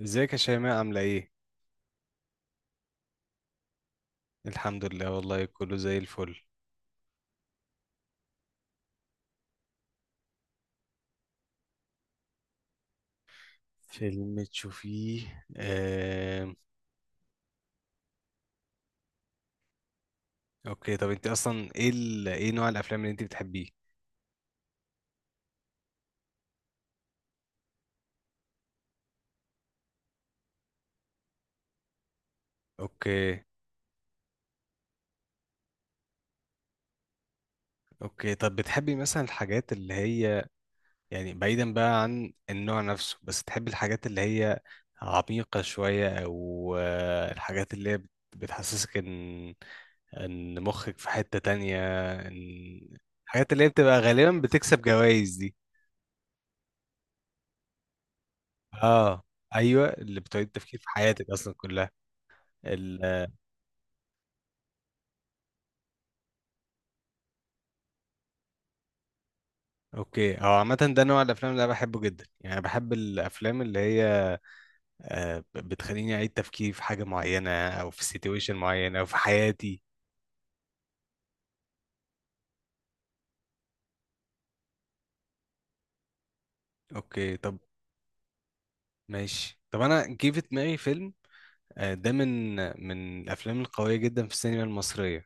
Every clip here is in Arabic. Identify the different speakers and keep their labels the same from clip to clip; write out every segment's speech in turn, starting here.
Speaker 1: ازيك يا شيماء عاملة ايه؟ الحمد لله والله كله زي الفل. فيلم تشوفيه اوكي طب انت اصلا ايه نوع الافلام اللي انت بتحبيه؟ اوكي. اوكي طب بتحبي مثلا الحاجات اللي هي، يعني بعيدا بقى عن النوع نفسه، بس تحبي الحاجات اللي هي عميقة شوية او الحاجات اللي هي بتحسسك ان مخك في حتة تانية، ان الحاجات اللي هي بتبقى غالبا بتكسب جوائز دي؟ اه. ايوه اللي بتعيد التفكير في حياتك اصلا كلها. ال آه، اوكي. هو عامه ده نوع الافلام اللي انا بحبه جدا، يعني بحب الافلام اللي هي بتخليني اعيد تفكير في حاجه معينه او في سيتويشن معينه او في حياتي. اوكي طب ماشي طب. انا جه في دماغي فيلم، ده من الافلام القويه جدا في السينما المصريه.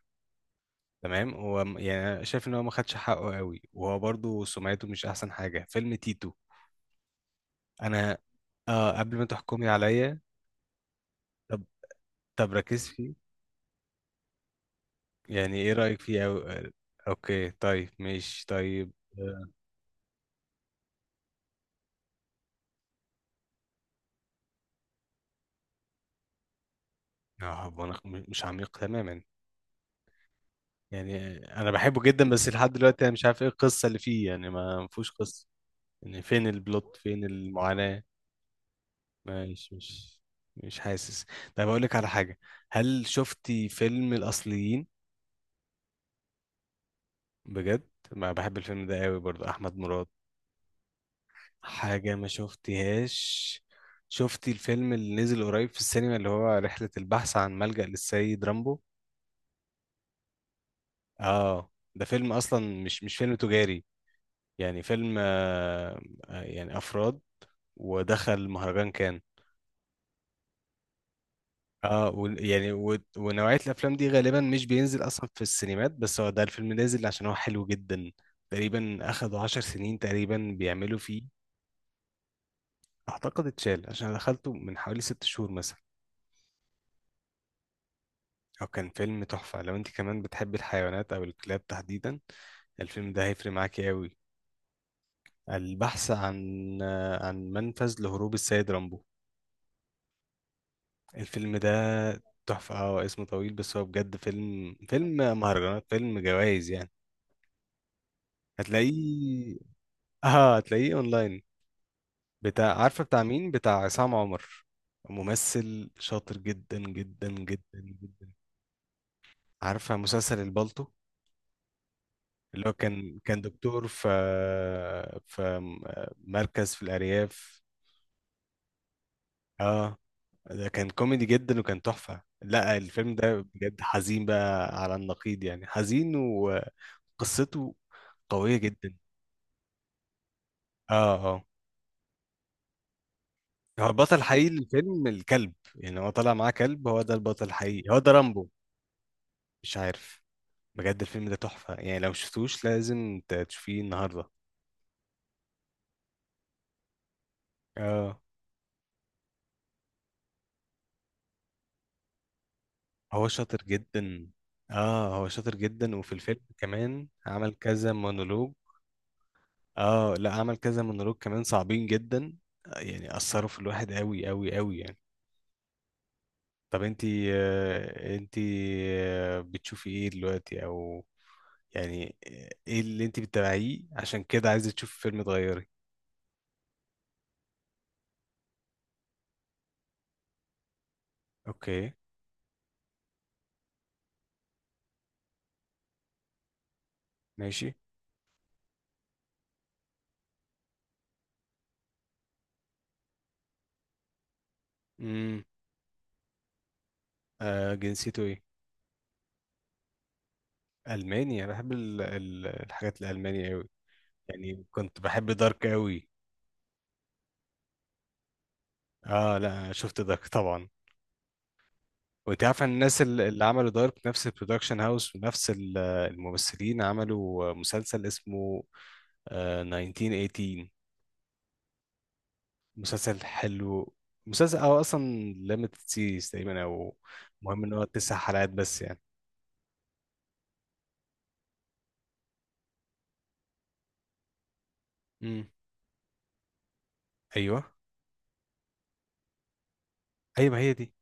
Speaker 1: تمام. هو يعني أنا شايف ان هو ما خدش حقه قوي، وهو برضو سمعته مش احسن حاجه، فيلم تيتو. انا قبل ما تحكمي عليا. طب طب ركز فيه. يعني ايه رأيك فيه. اوكي طيب ماشي طيب. اه. هو مش عميق تماما، يعني انا بحبه جدا، بس لحد دلوقتي انا مش عارف ايه القصة اللي فيه، يعني ما فيهوش قصة. يعني فين البلوت، فين المعاناة. مش مش مش حاسس. طيب اقول لك على حاجة، هل شفتي فيلم الأصليين؟ بجد ما بحب الفيلم ده قوي، برضو احمد مراد. حاجة ما شفتهاش، شفتي الفيلم اللي نزل قريب في السينما اللي هو رحلة البحث عن ملجأ للسيد رامبو؟ اه ده فيلم أصلا مش فيلم تجاري، يعني فيلم، يعني أفراد، ودخل مهرجان كان. اه و يعني و ونوعية الأفلام دي غالبا مش بينزل أصلا في السينمات، بس هو ده الفيلم نازل عشان هو حلو جدا. تقريبا أخدوا 10 سنين تقريبا بيعملوا فيه. أعتقد اتشال، عشان أنا دخلته من حوالي 6 شهور مثلا. هو كان فيلم تحفة، لو انت كمان بتحب الحيوانات او الكلاب تحديدا الفيلم ده هيفرق معاكي قوي. البحث عن منفذ لهروب السيد رامبو، الفيلم ده تحفة. اه اسمه طويل بس هو بجد فيلم مهرجانات، فيلم جوائز يعني. هتلاقيه. اه هتلاقيه اونلاين، بتاع، عارفة بتاع مين، بتاع عصام عمر. ممثل شاطر جدا جدا جدا جدا. عارفة مسلسل البالتو اللي هو كان دكتور في مركز في الأرياف؟ اه ده كان كوميدي جدا وكان تحفة، لا الفيلم ده بجد حزين بقى، على النقيض يعني، حزين وقصته قوية جدا. اه اه، هو البطل الحقيقي للفيلم الكلب، يعني هو طالع معاه كلب، هو ده البطل الحقيقي، هو ده رامبو. مش عارف. بجد الفيلم ده تحفة يعني، لو مشفتوش لازم تشوفيه النهاردة. اه هو شاطر جدا. اه هو شاطر جدا، وفي الفيلم كمان عمل كذا مونولوج. اه لا عمل كذا مونولوج كمان صعبين جدا، يعني اثروا في الواحد قوي قوي قوي يعني. طب انتي، بتشوفي ايه دلوقتي، او يعني ايه اللي انتي بتتابعيه عشان كده عايزة تشوفي فيلم تغيري؟ اوكي ماشي. امم. جنسيته ايه؟ المانيا، بحب الحاجات الالمانية قوي، يعني كنت بحب دارك قوي. اه لا انا شفت دارك طبعا. وانت عارف ان الناس اللي عملوا دارك نفس البرودكشن هاوس، ونفس الممثلين عملوا مسلسل اسمه 1918، مسلسل حلو. مسلسل او اصلا ليميتد سيريز تقريبا، او المهم ان هو 9 حلقات بس يعني. امم. ايوه، ايوه ما هي دي.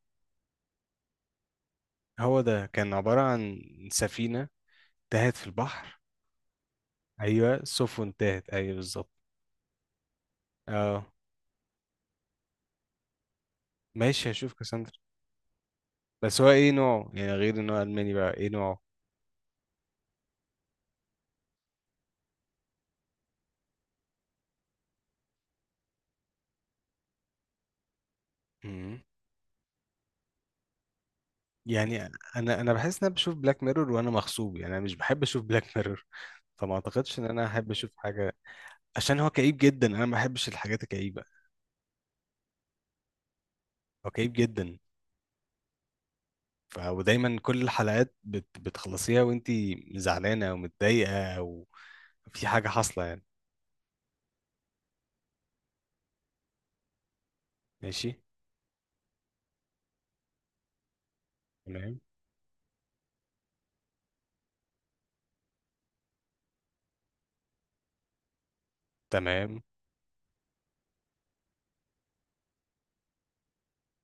Speaker 1: هو ده كان عبارة عن سفينة تاهت في البحر. ايوه سفن تاهت، ايوه بالظبط. اه ماشي هشوف كاساندرا. بس هو ايه نوعه يعني، غير ان هو الماني بقى، ايه نوعه يعني؟ انا بحس ان انا بشوف بلاك ميرور وانا مغصوب، يعني انا مش بحب اشوف بلاك ميرور. فما اعتقدش ان انا احب اشوف حاجه، عشان هو كئيب جدا، انا ما بحبش الحاجات الكئيبه. هو كئيب جدا. ودايما كل الحلقات بتخلصيها وانت زعلانه او متضايقه، او في حاجه حاصله يعني. ماشي. تمام. تمام.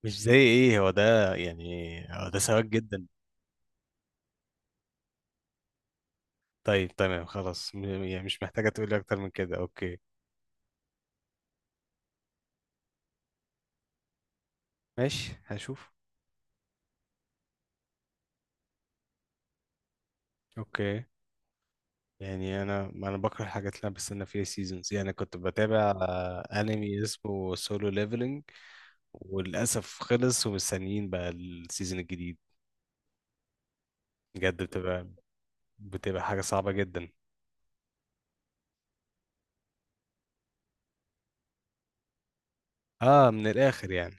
Speaker 1: مش زي ايه هو ده يعني، هو ده سواك جدا. طيب تمام. خلاص يعني مش محتاجه تقولي اكتر من كده، اوكي. ماشي هشوف. اوكي. يعني انا، ما انا بكره الحاجات اللي انا بستنى فيها سيزونز، يعني كنت بتابع انمي اسمه سولو ليفلنج، وللاسف خلص ومستنيين بقى السيزون الجديد. بجد بتبقى حاجه صعبه جدا. اه من الاخر يعني.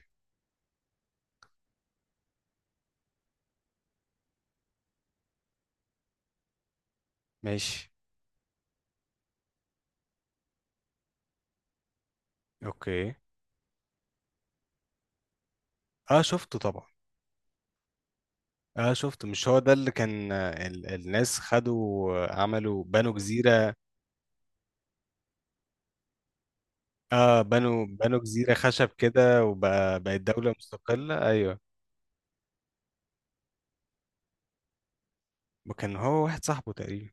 Speaker 1: ماشي اوكي. اه شفته طبعا. اه شفته، مش هو ده اللي كان الناس خدوا، بنوا جزيره؟ اه بنوا جزيره خشب كده، وبقت دوله مستقله، ايوه. وكان هو واحد صاحبه تقريبا،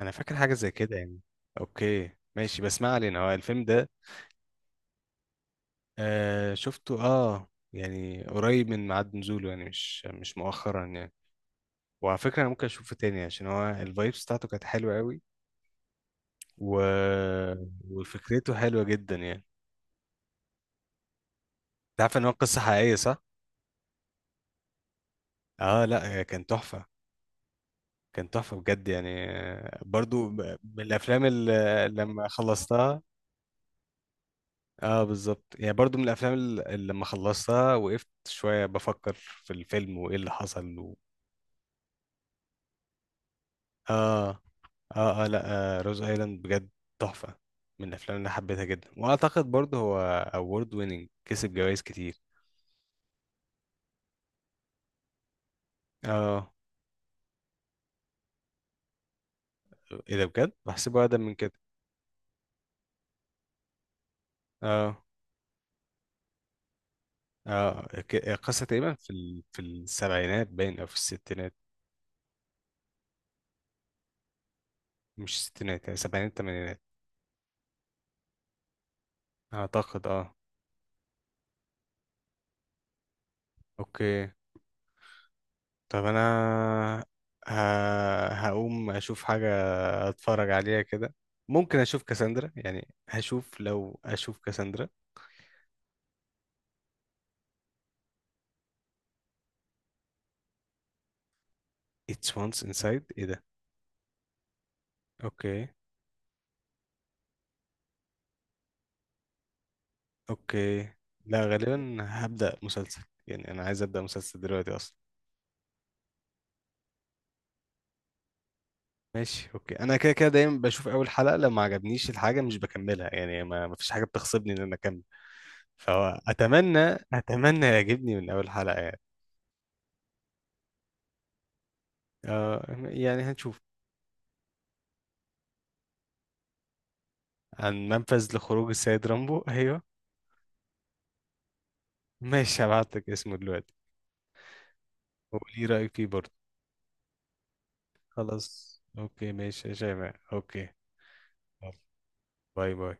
Speaker 1: انا فاكر حاجه زي كده يعني. اوكي ماشي بس ما علينا، هو الفيلم ده آه شفته، اه يعني قريب من ميعاد نزوله يعني، مش مؤخرا يعني. وعلى فكره انا ممكن اشوفه تاني، عشان هو الفايبس بتاعته كانت حلوه قوي و... وفكرته حلوه جدا يعني. انت عارف ان هو قصه حقيقيه، صح؟ اه لا هي كان تحفه. كان تحفه بجد، يعني برضو من الافلام اللي لما خلصتها. اه بالظبط، يعني برضو من الافلام اللي لما خلصتها وقفت شويه بفكر في الفيلم، وايه اللي حصل. اه اه اه. لا، روز ايلاند بجد تحفه، من الافلام اللي حبيتها جدا، واعتقد برضو هو اوورد ويننج، كسب جوائز كتير. اه. ايه ده بجد بحسبه اقدم من كده. اه اه، قصه تقريبا في السبعينات باين او في الستينات. مش الستينات، يعني سبعينات تمانينات اعتقد، اه. اوكي. طب انا ه... هقوم اشوف حاجه، هتفرج عليها كده. ممكن اشوف كاساندرا، يعني هشوف، لو اشوف كاساندرا. It's once inside، ايه ده؟ اوكي. اوكي. لا غالبا هبدأ مسلسل، يعني انا عايز ابدأ مسلسل دلوقتي اصلا. ماشي اوكي. انا كده كده دايما بشوف اول حلقة، لو ما عجبنيش الحاجة مش بكملها يعني، ما فيش حاجة بتغصبني ان انا اكمل. فهو اتمنى يعجبني من اول حلقة يعني. يعني هنشوف. عن منفذ لخروج السيد رامبو، ايوه. ماشي هبعتلك اسمه دلوقتي، وقولي رأيك فيه برضه. خلاص اوكي ماشي يا شيماء اوكي. يلا باي باي.